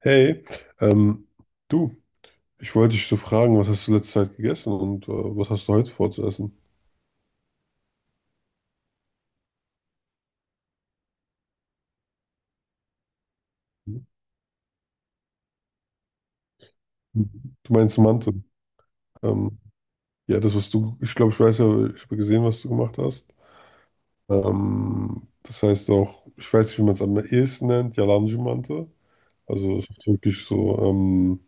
Hey, ähm, du, ich wollte dich so fragen, was hast du letzte Zeit gegessen und was hast du heute vor zu essen? Du meinst Mante. Ähm, ja, das, was du, ich glaube, ich weiß ja, ich habe gesehen, was du gemacht hast. Das heißt auch, ich weiß nicht, wie man es am ehesten nennt, Yalancı Mante. Also es ist wirklich so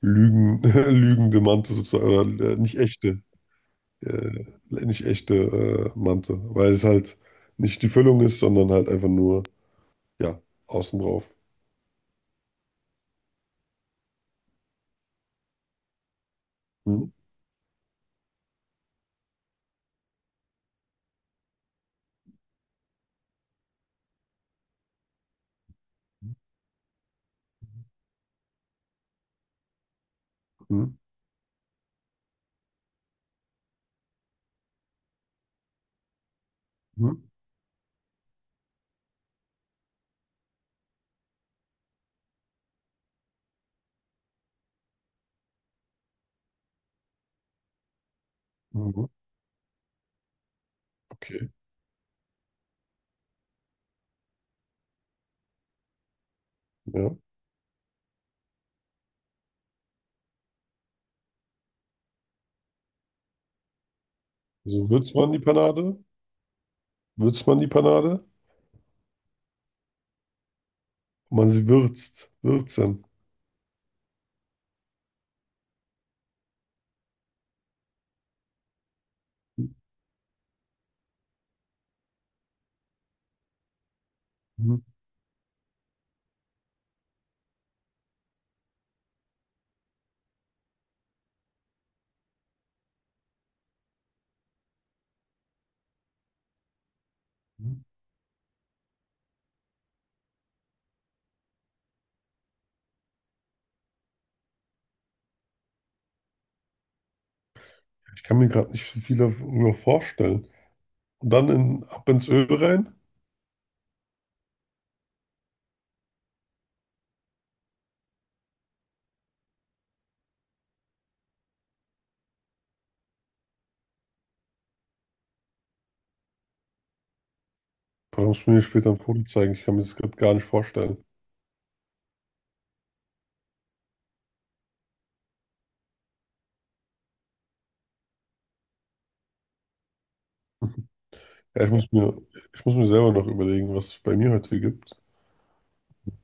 Lügen, lügende Mante sozusagen, oder nicht echte, nicht echte Mante, weil es halt nicht die Füllung ist, sondern halt einfach nur, ja, außen drauf. Hm, hm, hm, mhm. Okay, ja. Also würzt man die Panade? Würzt man die Panade? Man sie würzt. Würzen. Mhm. Mhm. Ich kann mir gerade nicht so viel darüber vorstellen. Und dann in, ab ins Öl rein? Boah, musst du mir später ein Foto zeigen. Ich kann mir das gerade gar nicht vorstellen. Ja, ich muss mir, ich muss mir selber noch überlegen, was es bei mir heute gibt.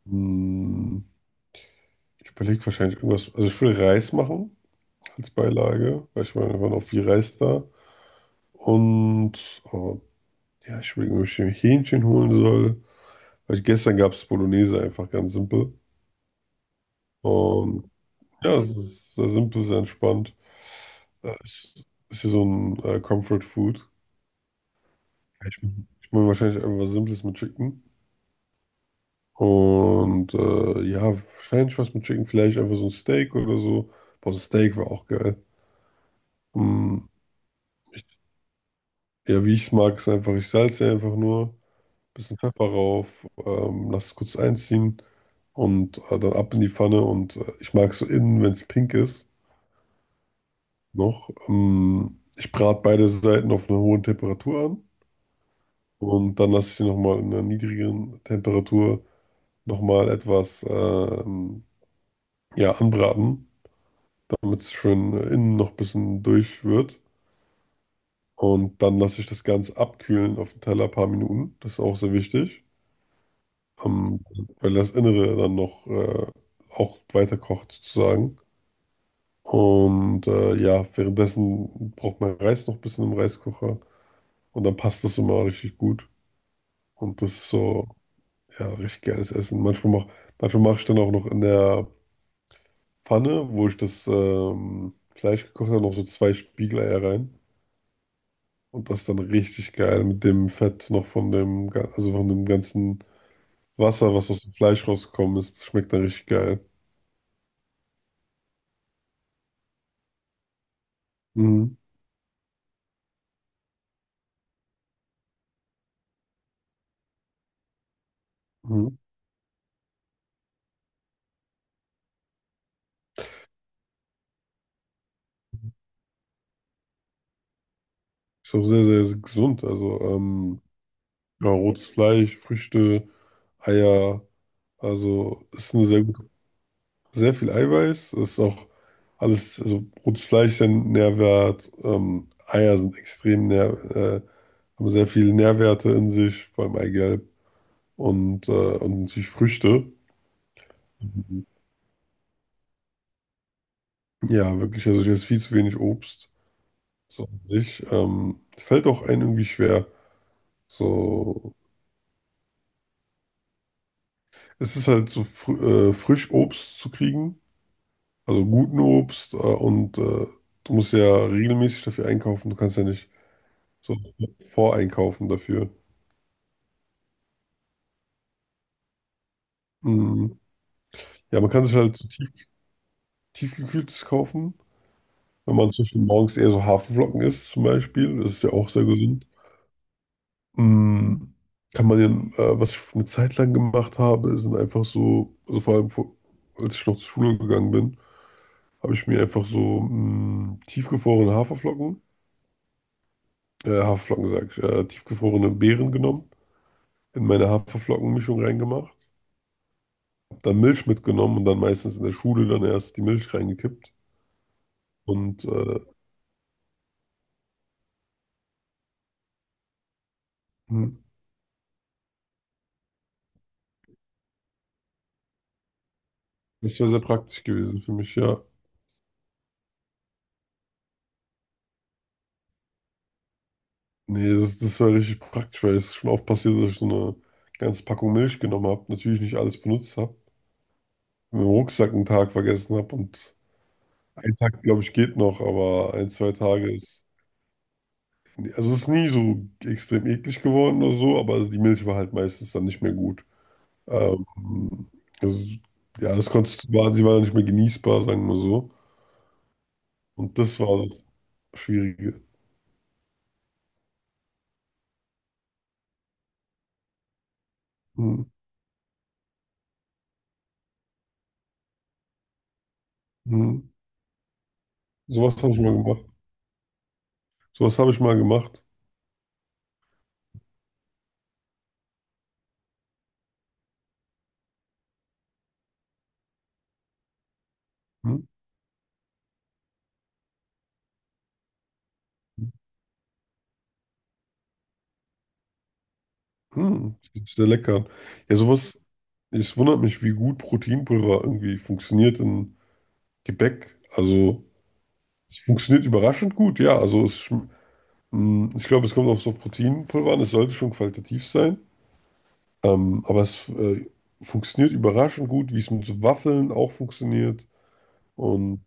Hm, ich überlege wahrscheinlich irgendwas. Also ich will Reis machen als Beilage, weil ich meine, da war noch viel Reis da. Und ja, ich überlege, ob ich mir Hähnchen holen soll. Weil gestern gab es Bolognese einfach ganz simpel. Und ja, es ist sehr simpel, sehr entspannt. Es ist hier so ein Comfort Food. Ich mache wahrscheinlich einfach was Simples mit Chicken. Und ja, wahrscheinlich was mit Chicken, vielleicht einfach so ein Steak oder so. Boah, so ein Steak war auch geil. Mm, ja, wie ich es mag, ist einfach, ich salze einfach nur. Bisschen Pfeffer rauf, lass es kurz einziehen und dann ab in die Pfanne. Und ich mag es so innen, wenn es pink ist, noch. Ich brate beide Seiten auf einer hohen Temperatur an und dann lasse ich sie nochmal in einer niedrigeren Temperatur nochmal etwas ja, anbraten, damit es schön innen noch ein bisschen durch wird. Und dann lasse ich das Ganze abkühlen auf dem Teller ein paar Minuten. Das ist auch sehr wichtig. ähm, Weil das Innere dann noch auch weiter kocht sozusagen. Und ja, währenddessen braucht man Reis noch ein bisschen im Reiskocher und dann passt das immer richtig gut. Und das ist so, ja, richtig geiles Essen. Manchmal mach ich dann auch noch in der Pfanne, wo ich das Fleisch gekocht habe, noch so zwei Spiegeleier rein. Und das ist dann richtig geil mit dem Fett noch von dem, also von dem ganzen Wasser, was aus dem Fleisch rausgekommen ist. Das schmeckt dann richtig geil. Mhm. Mhm. Ist auch sehr, sehr gesund. Also ja, rotes Fleisch, Früchte, Eier. Also ist eine sehr gute, sehr viel Eiweiß. Ist auch alles, also rotes Fleisch ist ja nährwert. Eier sind extrem nähr, äh, haben sehr viele Nährwerte in sich, vor allem Eigelb und natürlich Früchte. Mhm. Ja, wirklich. Also ich esse viel zu wenig Obst. So an sich. Fällt auch einem irgendwie schwer. So, es ist halt so fr frisch Obst zu kriegen. Also guten Obst und du musst ja regelmäßig dafür einkaufen. Du kannst ja nicht so voreinkaufen dafür. Mhm. Ja, man kann sich tiefgekühltes kaufen, wenn man zum Beispiel morgens eher so Haferflocken isst zum Beispiel. Das ist ja auch sehr gesund. Mhm. Kann man den, was ich eine Zeit lang gemacht habe, sind einfach so, also vor allem vor, als ich noch zur Schule gegangen bin, habe ich mir einfach so mh, tiefgefrorene Haferflocken, Haferflocken sag ich, tiefgefrorene Beeren genommen in meine Haferflockenmischung reingemacht, hab dann Milch mitgenommen und dann meistens in der Schule dann erst die Milch reingekippt. Und hm, das wäre sehr praktisch gewesen für mich, ja. Nee, das war richtig praktisch, weil es ist schon oft passiert, dass ich so eine ganze Packung Milch genommen habe, natürlich nicht alles benutzt habe, mit dem Rucksack einen Tag vergessen habe und ein Tag, glaube ich, geht noch, aber ein, zwei Tage ist. Also es ist nie so extrem eklig geworden oder so, aber also die Milch war halt meistens dann nicht mehr gut. Ähm, also, ja, das konntest, du, war, sie war nicht mehr genießbar, sagen wir so. Und das war das Schwierige. Hm, hm. Sowas habe ich mal gemacht. Sowas habe ich mal gemacht. Hm, hm. Das hört sich sehr lecker an. Ja, sowas, es wundert mich, wie gut Proteinpulver irgendwie funktioniert in Gebäck. Also, es funktioniert überraschend gut, ja. Ich glaube, es kommt auf so Proteinpulver an. Es sollte schon qualitativ sein. Aber es funktioniert überraschend gut, wie es mit so Waffeln auch funktioniert. Und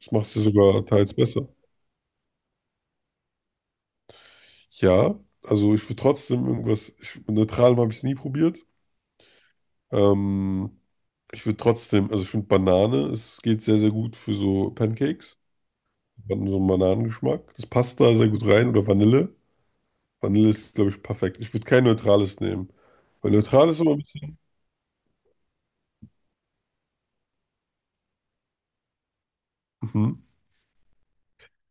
das macht es ja sogar teils besser. Ja, also ich würde trotzdem irgendwas, ich, mit Neutralem habe ich es nie probiert. Ähm, ich würde trotzdem, also ich finde Banane, es geht sehr, sehr gut für so Pancakes. So einen Bananengeschmack. Das passt da sehr gut rein. Oder Vanille. Vanille ist, glaube ich, perfekt. Ich würde kein neutrales nehmen. Weil Neutrales ist immer ein bisschen. Mhm.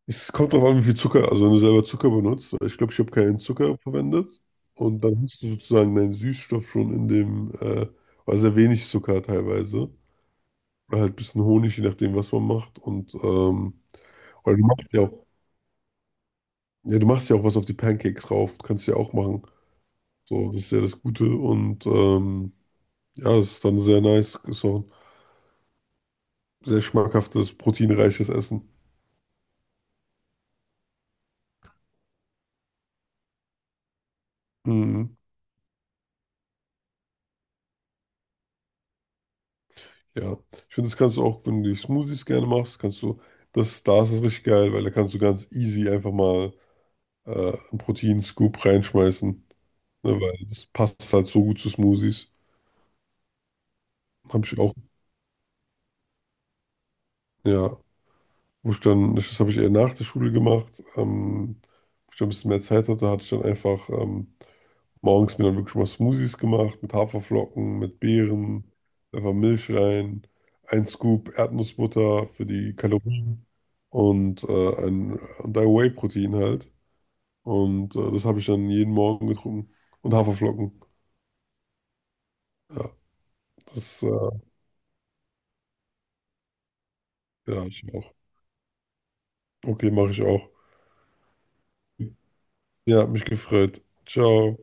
Es kommt drauf an, wie viel Zucker, also wenn du selber Zucker benutzt, weil ich glaube, ich habe keinen Zucker verwendet und dann hast du sozusagen deinen Süßstoff schon war sehr wenig Zucker teilweise, oder halt ein bisschen Honig, je nachdem, was man macht und, oder du machst ja auch, ja, du machst ja auch was auf die Pancakes drauf, kannst du ja auch machen, so, das ist ja das Gute und, ja, es ist dann sehr nice, ist auch ein sehr schmackhaftes, proteinreiches Essen. Mhm. Ja, ich finde, das kannst du auch, wenn du die Smoothies gerne machst, kannst du, das, da ist es richtig geil, weil da kannst du ganz easy einfach mal einen Proteinscoop reinschmeißen, ne, weil das passt halt so gut zu Smoothies. Habe ich auch, ja, wo ich dann, das habe ich eher nach der Schule gemacht, wo ich dann ein bisschen mehr Zeit hatte, hatte ich dann einfach morgens mir dann wirklich mal Smoothies gemacht mit Haferflocken, mit Beeren, einfach Milch rein, ein Scoop Erdnussbutter für die Kalorien und, und ein Whey-Protein halt. Und das habe ich dann jeden Morgen getrunken. Und Haferflocken. Ja, das ja, ich auch. Okay, mache ich auch. Ja, hat mich gefreut. Ciao.